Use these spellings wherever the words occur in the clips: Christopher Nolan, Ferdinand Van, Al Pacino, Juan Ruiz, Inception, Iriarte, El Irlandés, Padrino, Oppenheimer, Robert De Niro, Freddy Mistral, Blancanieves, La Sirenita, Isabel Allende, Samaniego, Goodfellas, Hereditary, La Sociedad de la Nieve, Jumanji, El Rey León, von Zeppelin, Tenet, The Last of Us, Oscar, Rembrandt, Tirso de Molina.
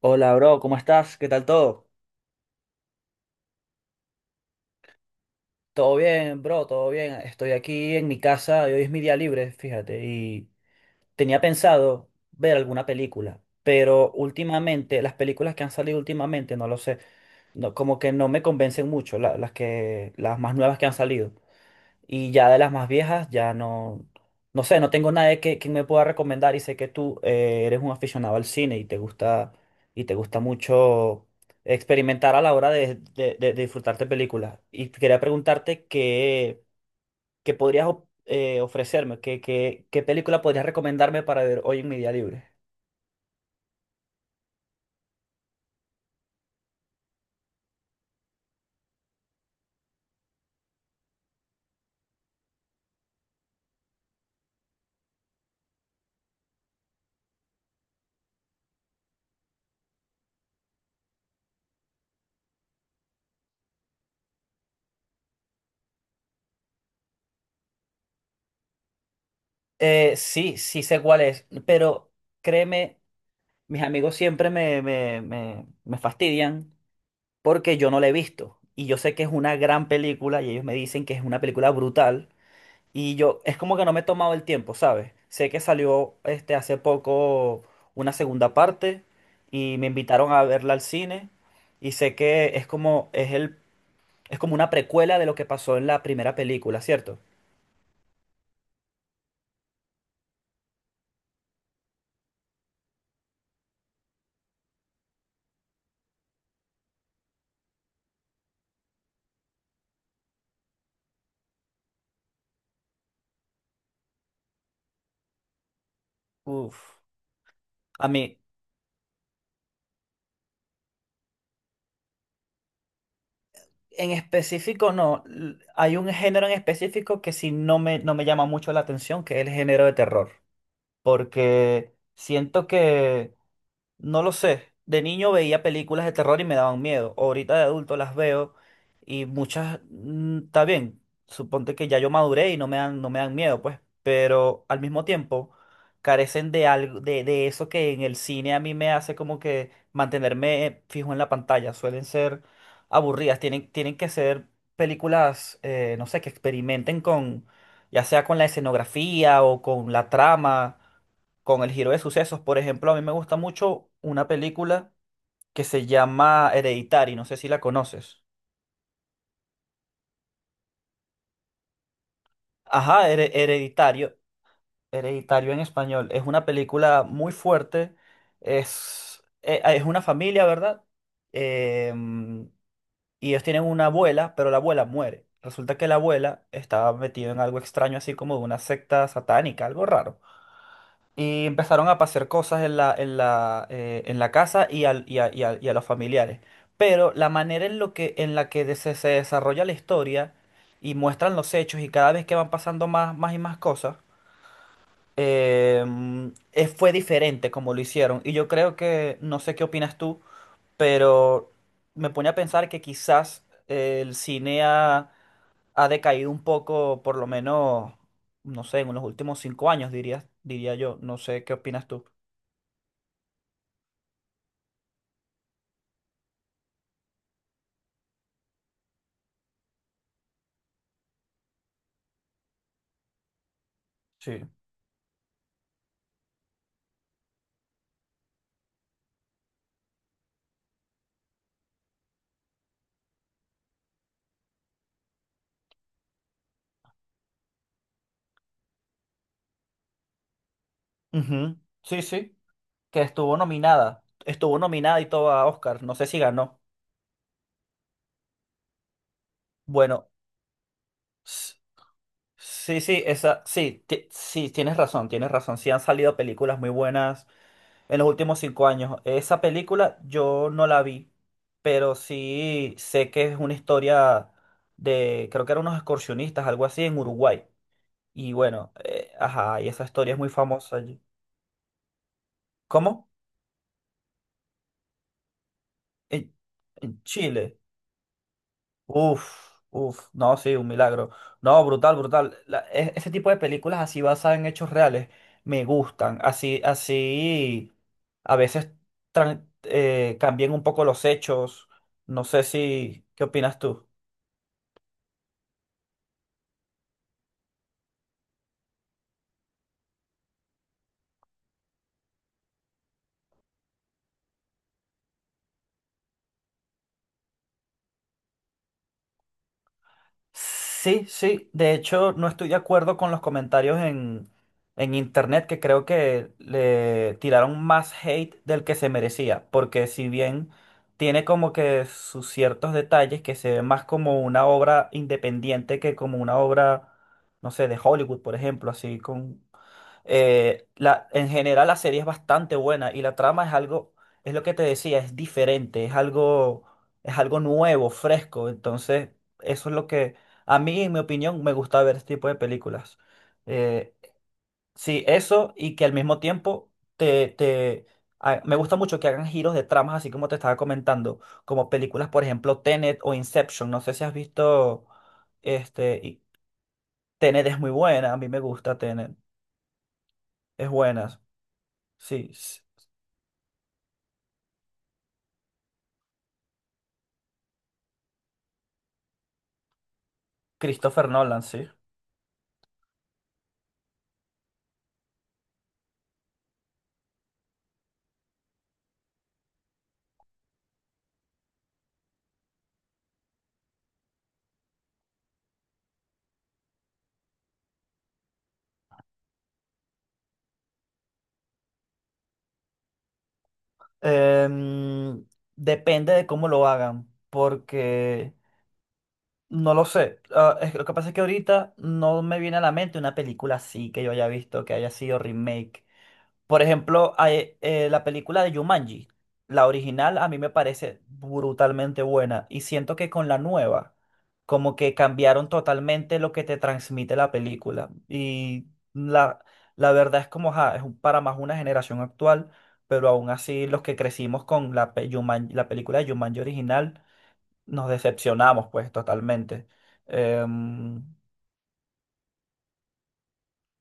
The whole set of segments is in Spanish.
Hola, bro, ¿cómo estás? ¿Qué tal todo? Todo bien, bro, todo bien. Estoy aquí en mi casa y hoy es mi día libre, fíjate. Y tenía pensado ver alguna película, pero últimamente, las películas que han salido últimamente, no lo sé, no, como que no me convencen mucho, las más nuevas que han salido. Y ya de las más viejas, no sé, no tengo nadie que me pueda recomendar y sé que tú eres un aficionado al cine y te gusta mucho experimentar a la hora de disfrutarte películas. Y quería preguntarte qué podrías ofrecerme, qué película podrías recomendarme para ver hoy en mi día libre. Sí, sí sé cuál es, pero créeme, mis amigos siempre me fastidian porque yo no la he visto. Y yo sé que es una gran película y ellos me dicen que es una película brutal. Y yo, es como que no me he tomado el tiempo, ¿sabes? Sé que salió este, hace poco una segunda parte y me invitaron a verla al cine. Y sé que es como una precuela de lo que pasó en la primera película, ¿cierto? Uf, a mí en específico no. Hay un género en específico que sí no me llama mucho la atención, que es el género de terror, porque siento que no lo sé. De niño veía películas de terror y me daban miedo. Ahorita de adulto las veo y muchas, está bien. Suponte que ya yo maduré y no me dan miedo, pues. Pero al mismo tiempo carecen de algo, de eso que en el cine a mí me hace como que mantenerme fijo en la pantalla. Suelen ser aburridas. Tienen que ser películas, no sé, que experimenten con, ya sea con la escenografía o con la trama, con el giro de sucesos. Por ejemplo, a mí me gusta mucho una película que se llama Hereditary, no sé si la conoces. Ajá, Hereditario, Hereditario en español. Es una película muy fuerte, es, es una familia, ¿verdad? Em, y ellos tienen una abuela, pero la abuela muere. Resulta que la abuela estaba metida en algo extraño, así como de una secta satánica, algo raro. Y empezaron a pasar cosas en la casa y a los familiares. Pero la manera en, lo que, en la que se desarrolla la historia y muestran los hechos y cada vez que van pasando más y más cosas, eh, fue diferente como lo hicieron. Y yo creo que, no sé qué opinas tú, pero me pone a pensar que quizás el cine ha, ha decaído un poco, por lo menos, no sé, en los últimos 5 años, diría yo. No sé qué opinas tú. Sí. Ujú. Sí, sí, que estuvo nominada. Estuvo nominada y todo a Oscar. No sé si ganó. Bueno, s- sí, sí, sí, tienes razón, tienes razón. Sí han salido películas muy buenas en los últimos 5 años. Esa película yo no la vi, pero sí sé que es una historia de, creo que eran unos excursionistas, algo así, en Uruguay. Y bueno, y esa historia es muy famosa allí. ¿Cómo? En, en Chile. Uf, uf, no, sí, un milagro. No, brutal, brutal. Ese tipo de películas así basadas en hechos reales me gustan. Así, así, a veces cambian un poco los hechos. No sé si, ¿qué opinas tú? Sí, sí. De hecho, no estoy de acuerdo con los comentarios en internet, que creo que le tiraron más hate del que se merecía. Porque si bien tiene como que sus ciertos detalles que se ven más como una obra independiente que como una obra, no sé, de Hollywood, por ejemplo, así con en general la serie es bastante buena y la trama es algo, es lo que te decía, es diferente, es algo nuevo, fresco. Entonces, eso es lo que a mí, en mi opinión, me gusta ver este tipo de películas. Eh, sí, eso y que al mismo tiempo te, te, me gusta mucho que hagan giros de tramas, así como te estaba comentando, como películas, por ejemplo, Tenet o Inception. No sé si has visto, este, y Tenet es muy buena, a mí me gusta Tenet, es buena. Sí, Christopher Nolan, sí. Em, Depende de cómo lo hagan, porque no lo sé. Ah, lo que pasa es que ahorita no me viene a la mente una película así que yo haya visto, que haya sido remake. Por ejemplo, la película de Jumanji, la original a mí me parece brutalmente buena y siento que con la nueva como que cambiaron totalmente lo que te transmite la película y la, la verdad es como ja, para más una generación actual, pero aún así los que crecimos con la película de Jumanji original nos decepcionamos pues totalmente. Em,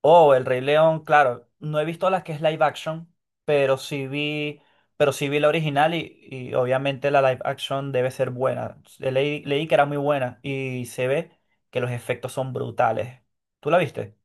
Oh, El Rey León, claro. No he visto la que es live action, pero sí vi, pero sí vi la original y obviamente la live action debe ser buena. Leí que era muy buena y se ve que los efectos son brutales. ¿Tú la viste?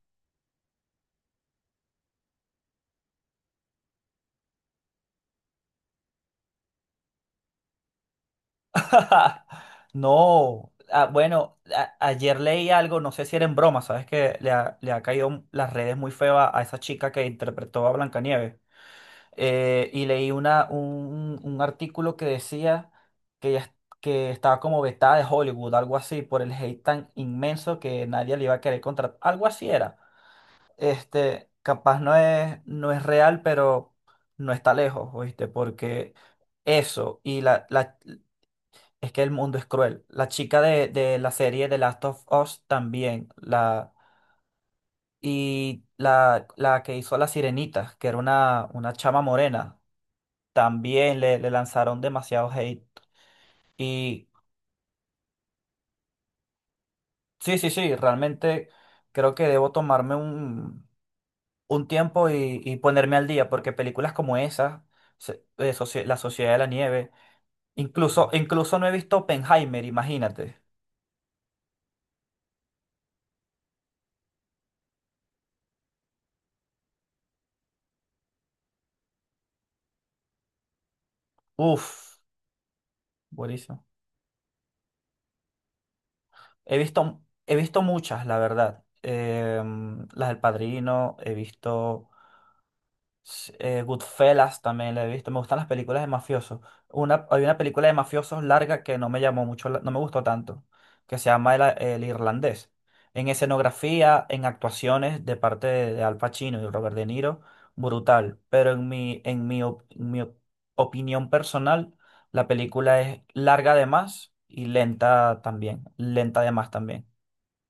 No. Ah, bueno, ayer leí algo, no sé si era en broma, sabes que le ha caído las redes muy feo a esa chica que interpretó a Blancanieves. Eh, y leí un artículo que decía que, que estaba como vetada de Hollywood, algo así, por el hate tan inmenso que nadie le iba a querer contratar. Algo así era. Este, capaz no es real, pero no está lejos, ¿oíste? Porque eso, es que el mundo es cruel. La chica de la serie The Last of Us también, la, y la que hizo La Sirenita, que era una chama morena también le lanzaron demasiado hate. Y sí, sí, sí, realmente creo que debo tomarme un tiempo y ponerme al día, porque películas como esas, La Sociedad de la Nieve, incluso, incluso no he visto Oppenheimer, imagínate. Uf, buenísimo. He visto, he visto muchas, la verdad. Las del Padrino, he visto, sí, Goodfellas también la he visto. Me gustan las películas de mafiosos. Una, hay una película de mafiosos larga que no me llamó mucho, no me gustó tanto, que se llama El Irlandés. En escenografía, en actuaciones de parte de Al Pacino y Robert De Niro, brutal. Pero en mi, op- mi op- opinión personal, la película es larga de más y lenta también. Lenta de más también.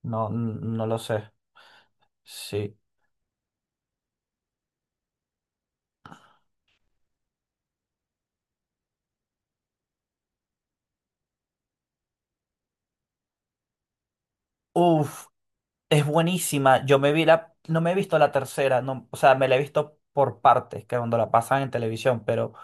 No, no lo sé. Sí. Uf. Es buenísima. Yo me vi la, no me he visto la tercera, no, o sea, me la he visto por partes, que cuando la pasan en televisión, pero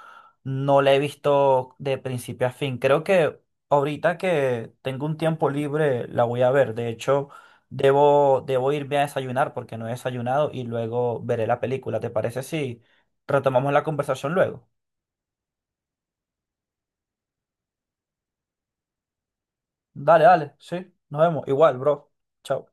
no la he visto de principio a fin. Creo que ahorita que tengo un tiempo libre la voy a ver. De hecho, debo, debo irme a desayunar porque no he desayunado y luego veré la película. ¿Te parece si retomamos la conversación luego? Dale, dale, sí, nos vemos. Igual, bro. Chao.